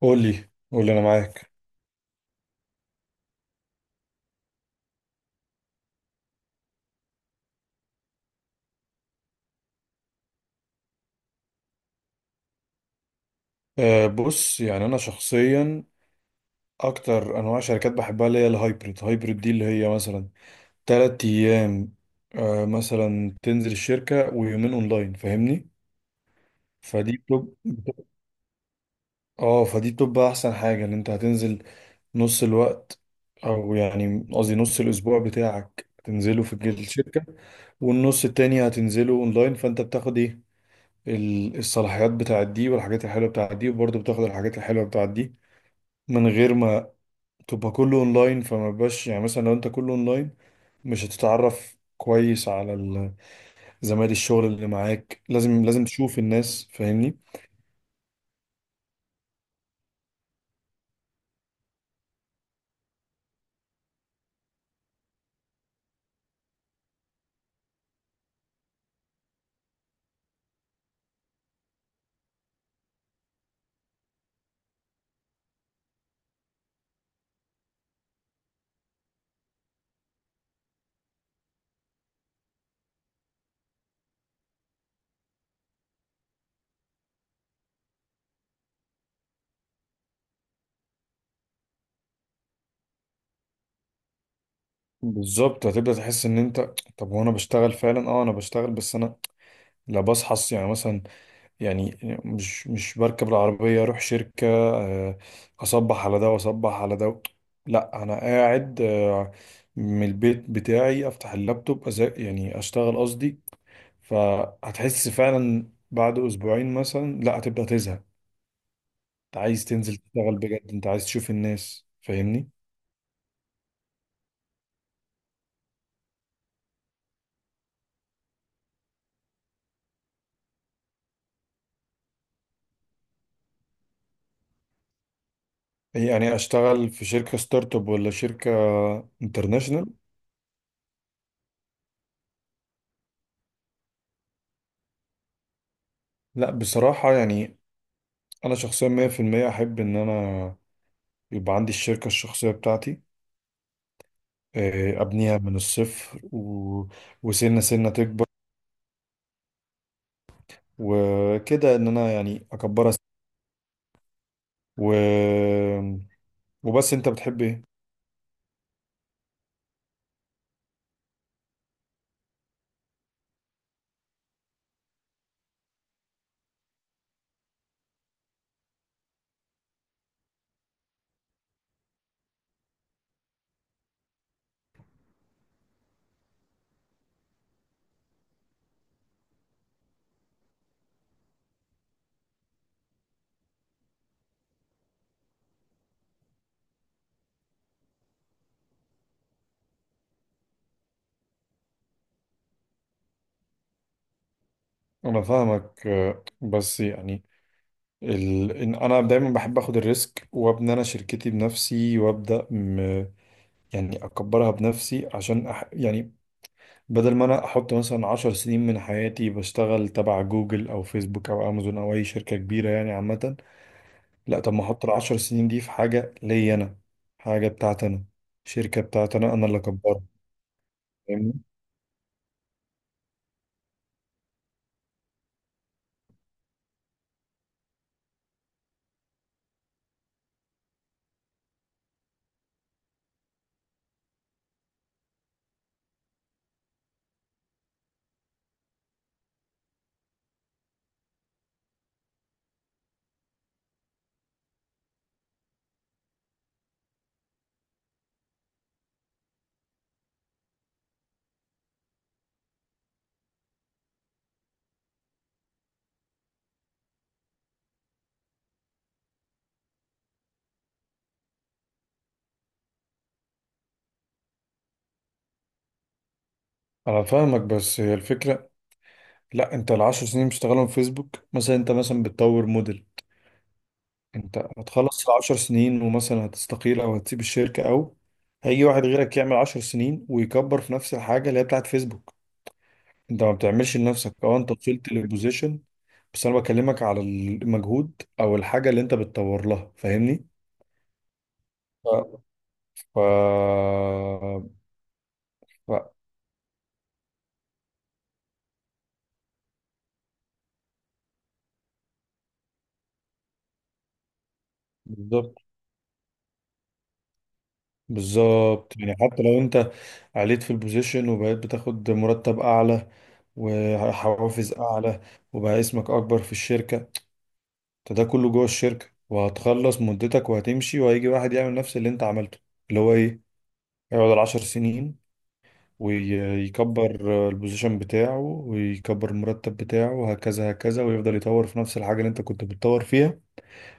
قول لي، قول لي، انا معاك. بص يعني انا شخصيا اكتر انواع شركات بحبها اللي هي الهايبريد دي اللي هي مثلا 3 ايام. مثلا تنزل الشركة ويومين اونلاين، فاهمني؟ فدي اه فدي بتبقى احسن حاجة ان انت هتنزل نص الوقت، او يعني قصدي نص الاسبوع بتاعك تنزله في الشركة، والنص التاني هتنزله اونلاين. فانت بتاخد ايه الصلاحيات بتاعت دي والحاجات الحلوه بتاعت دي، وبرضه بتاخد الحاجات الحلوه بتاعت دي من غير ما تبقى كله اونلاين. فما بقاش يعني مثلا لو انت كله اونلاين مش هتتعرف كويس على زمايل الشغل اللي معاك. لازم لازم تشوف الناس، فاهمني؟ بالظبط هتبدأ تحس ان انت طب هو انا بشتغل فعلا. اه انا بشتغل بس انا لا، بصحى يعني مثلا، يعني مش بركب العربية اروح شركة. اصبح على ده واصبح على ده. لا، انا قاعد من البيت بتاعي افتح اللابتوب، يعني اشتغل قصدي. فهتحس فعلا بعد اسبوعين مثلا لا هتبدأ تزهق. انت عايز تنزل تشتغل بجد، انت عايز تشوف الناس، فاهمني؟ يعني اشتغل في شركة ستارت اب ولا شركة انترناشونال؟ لا بصراحة يعني انا شخصيا 100% احب ان انا يبقى عندي الشركة الشخصية بتاعتي. ابنيها من الصفر وسنة سنة تكبر وكده. ان انا يعني اكبرها و... وبس، انت بتحب ايه؟ انا فاهمك. بس يعني إن انا دايما بحب اخد الريسك وابني انا شركتي بنفسي، يعني اكبرها بنفسي عشان يعني بدل ما انا احط مثلا 10 سنين من حياتي بشتغل تبع جوجل او فيسبوك او امازون او اي شركة كبيرة يعني عامة. لا، طب ما احط العشر سنين دي في حاجة ليا انا، حاجة بتاعت انا، شركة بتاعت انا، انا اللي اكبرها، فاهمني؟ انا فاهمك بس هي الفكرة. لا، انت العشر سنين بتشتغلهم في فيسبوك مثلا، انت مثلا بتطور موديل. انت هتخلص العشر سنين ومثلا هتستقيل او هتسيب الشركة، او هيجي واحد غيرك يعمل 10 سنين ويكبر في نفس الحاجة اللي هي بتاعت فيسبوك. انت ما بتعملش لنفسك. اه انت وصلت للبوزيشن، بس انا بكلمك على المجهود او الحاجة اللي انت بتطور لها، فاهمني؟ ف... ف... ف... بالظبط، بالظبط، يعني حتى لو انت عليت في البوزيشن وبقيت بتاخد مرتب اعلى وحوافز اعلى وبقى اسمك اكبر في الشركة، انت ده كله جوه الشركة. وهتخلص مدتك وهتمشي، وهيجي واحد يعمل نفس اللي انت عملته. اللي هو ايه؟ يقعد العشر سنين ويكبر البوزيشن بتاعه ويكبر المرتب بتاعه، وهكذا هكذا، ويفضل يطور في نفس الحاجة اللي انت كنت بتطور فيها.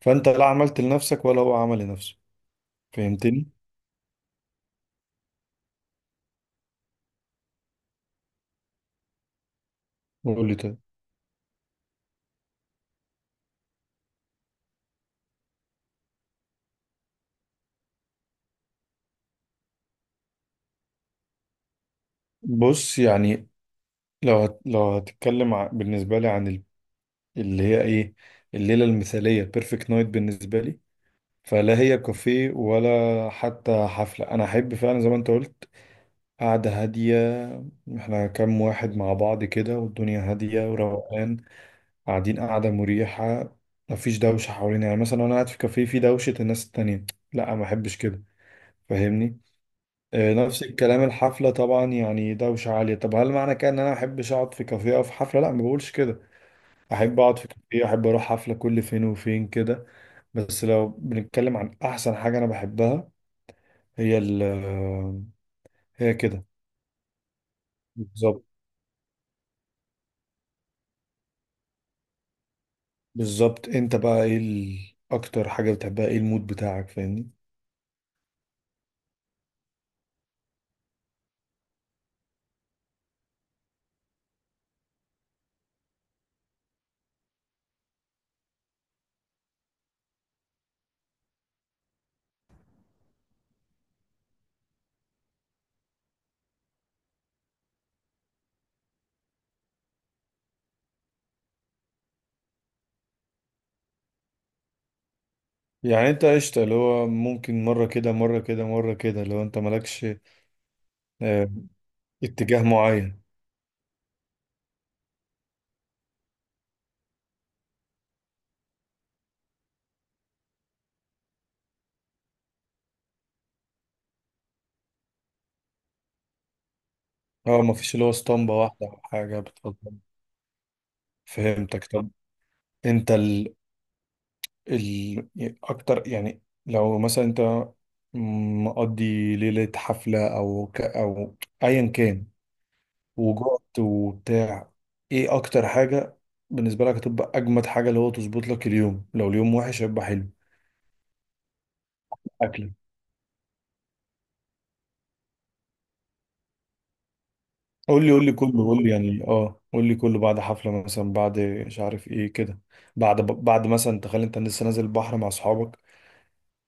فانت لا عملت لنفسك ولا هو عمل لنفسه. فهمتني؟ قول لي طيب. بص يعني لو هتتكلم بالنسبة لي عن اللي هي ايه، الليلة المثالية، بيرفكت نايت بالنسبة لي، فلا هي كافيه ولا حتى حفلة. أنا أحب فعلا زي ما أنت قلت قعدة هادية، إحنا كام واحد مع بعض كده والدنيا هادية وروقان، قاعدين قعدة مريحة، مفيش دوشة حوالينا. يعني مثلا أنا قاعد في كافيه في دوشة الناس التانية، لا ما أحبش كده، فاهمني؟ نفس الكلام الحفلة، طبعا يعني دوشة عالية. طب هل معنى كده إن أنا ما أحبش أقعد في كافيه أو في حفلة؟ لا ما بقولش كده. أحب أقعد في كافيه، أحب أروح حفلة كل فين وفين كده. بس لو بنتكلم عن أحسن حاجة أنا بحبها، هي هي كده، بالظبط. بالظبط. انت بقى ايه اكتر حاجة بتحبها؟ ايه المود بتاعك، فاهمني؟ يعني انت قشطة، اللي هو ممكن مرة كده مرة كده مرة كده لو انت مالكش آه، اتجاه معين. اه مفيش اللي هو اسطمبة واحدة او حاجة بتفضل. فهمتك. طب انت ال... اكتر، يعني لو مثلا انت مقضي ليلة حفلة او ايا كان، وجهد وبتاع، ايه اكتر حاجة بالنسبة لك هتبقى اجمد حاجة اللي هو تظبط لك اليوم؟ لو اليوم وحش هيبقى حلو. اكله. قول لي، قول لي كله، قول لي يعني. اه قول لي كله. بعد حفلة مثلا، بعد مش عارف ايه كده، بعد مثلا تخيل انت لسه نازل البحر مع اصحابك،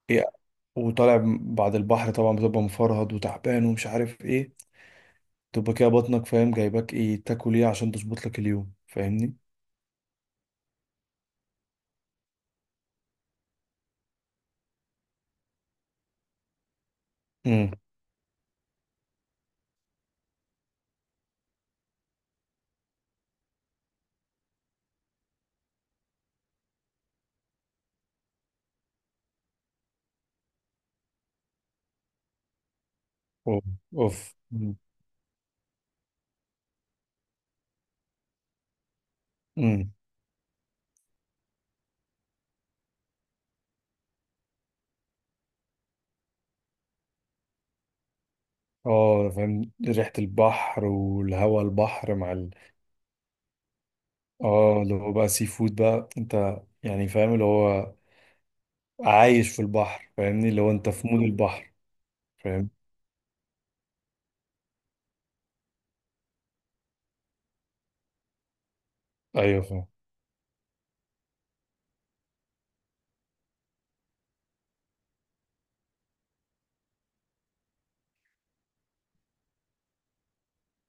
ايه؟ وطالع بعد البحر طبعا بتبقى مفرهد وتعبان ومش عارف ايه. تبقى كده بطنك، فاهم، جايباك ايه تاكل ايه عشان تظبط لك اليوم، فاهمني؟ امم. اوف. اوف. امم. امم. اه فاهم، ريحة البحر والهواء البحر مع اه اللي هو بقى سي فود بقى. انت يعني فاهم اللي هو عايش في البحر، فاهمني؟ اللي هو انت في مود البحر. فاهم. ايوه فاهم.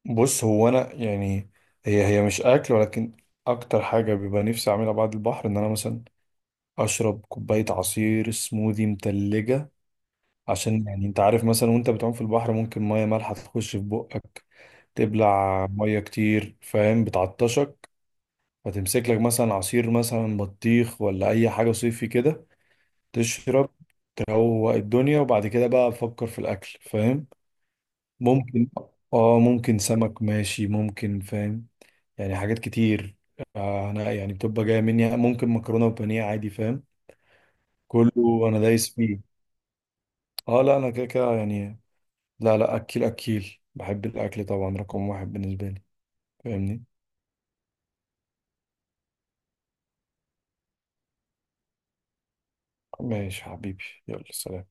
بص هو انا يعني هي مش اكل، ولكن اكتر حاجة بيبقى نفسي اعملها بعد البحر ان انا مثلا اشرب كوباية عصير سموذي متلجة. عشان يعني انت عارف، مثلا وانت بتعوم في البحر ممكن مية مالحة تخش في بقك، تبلع مية كتير، فاهم، بتعطشك. فتمسك لك مثلا عصير مثلا بطيخ ولا اي حاجه صيفي كده. تشرب، تروق الدنيا، وبعد كده بقى فكر في الاكل، فاهم. ممكن، اه ممكن سمك، ماشي، ممكن، فاهم. يعني حاجات كتير. انا يعني بتبقى جايه مني ممكن مكرونه وبانيه عادي، فاهم، كله انا دايس فيه. اه لا انا كده كده يعني. لا لا، اكيل اكيل، بحب الاكل طبعا رقم واحد بالنسبه لي، فاهمني؟ ماشي حبيبي، يلا سلام.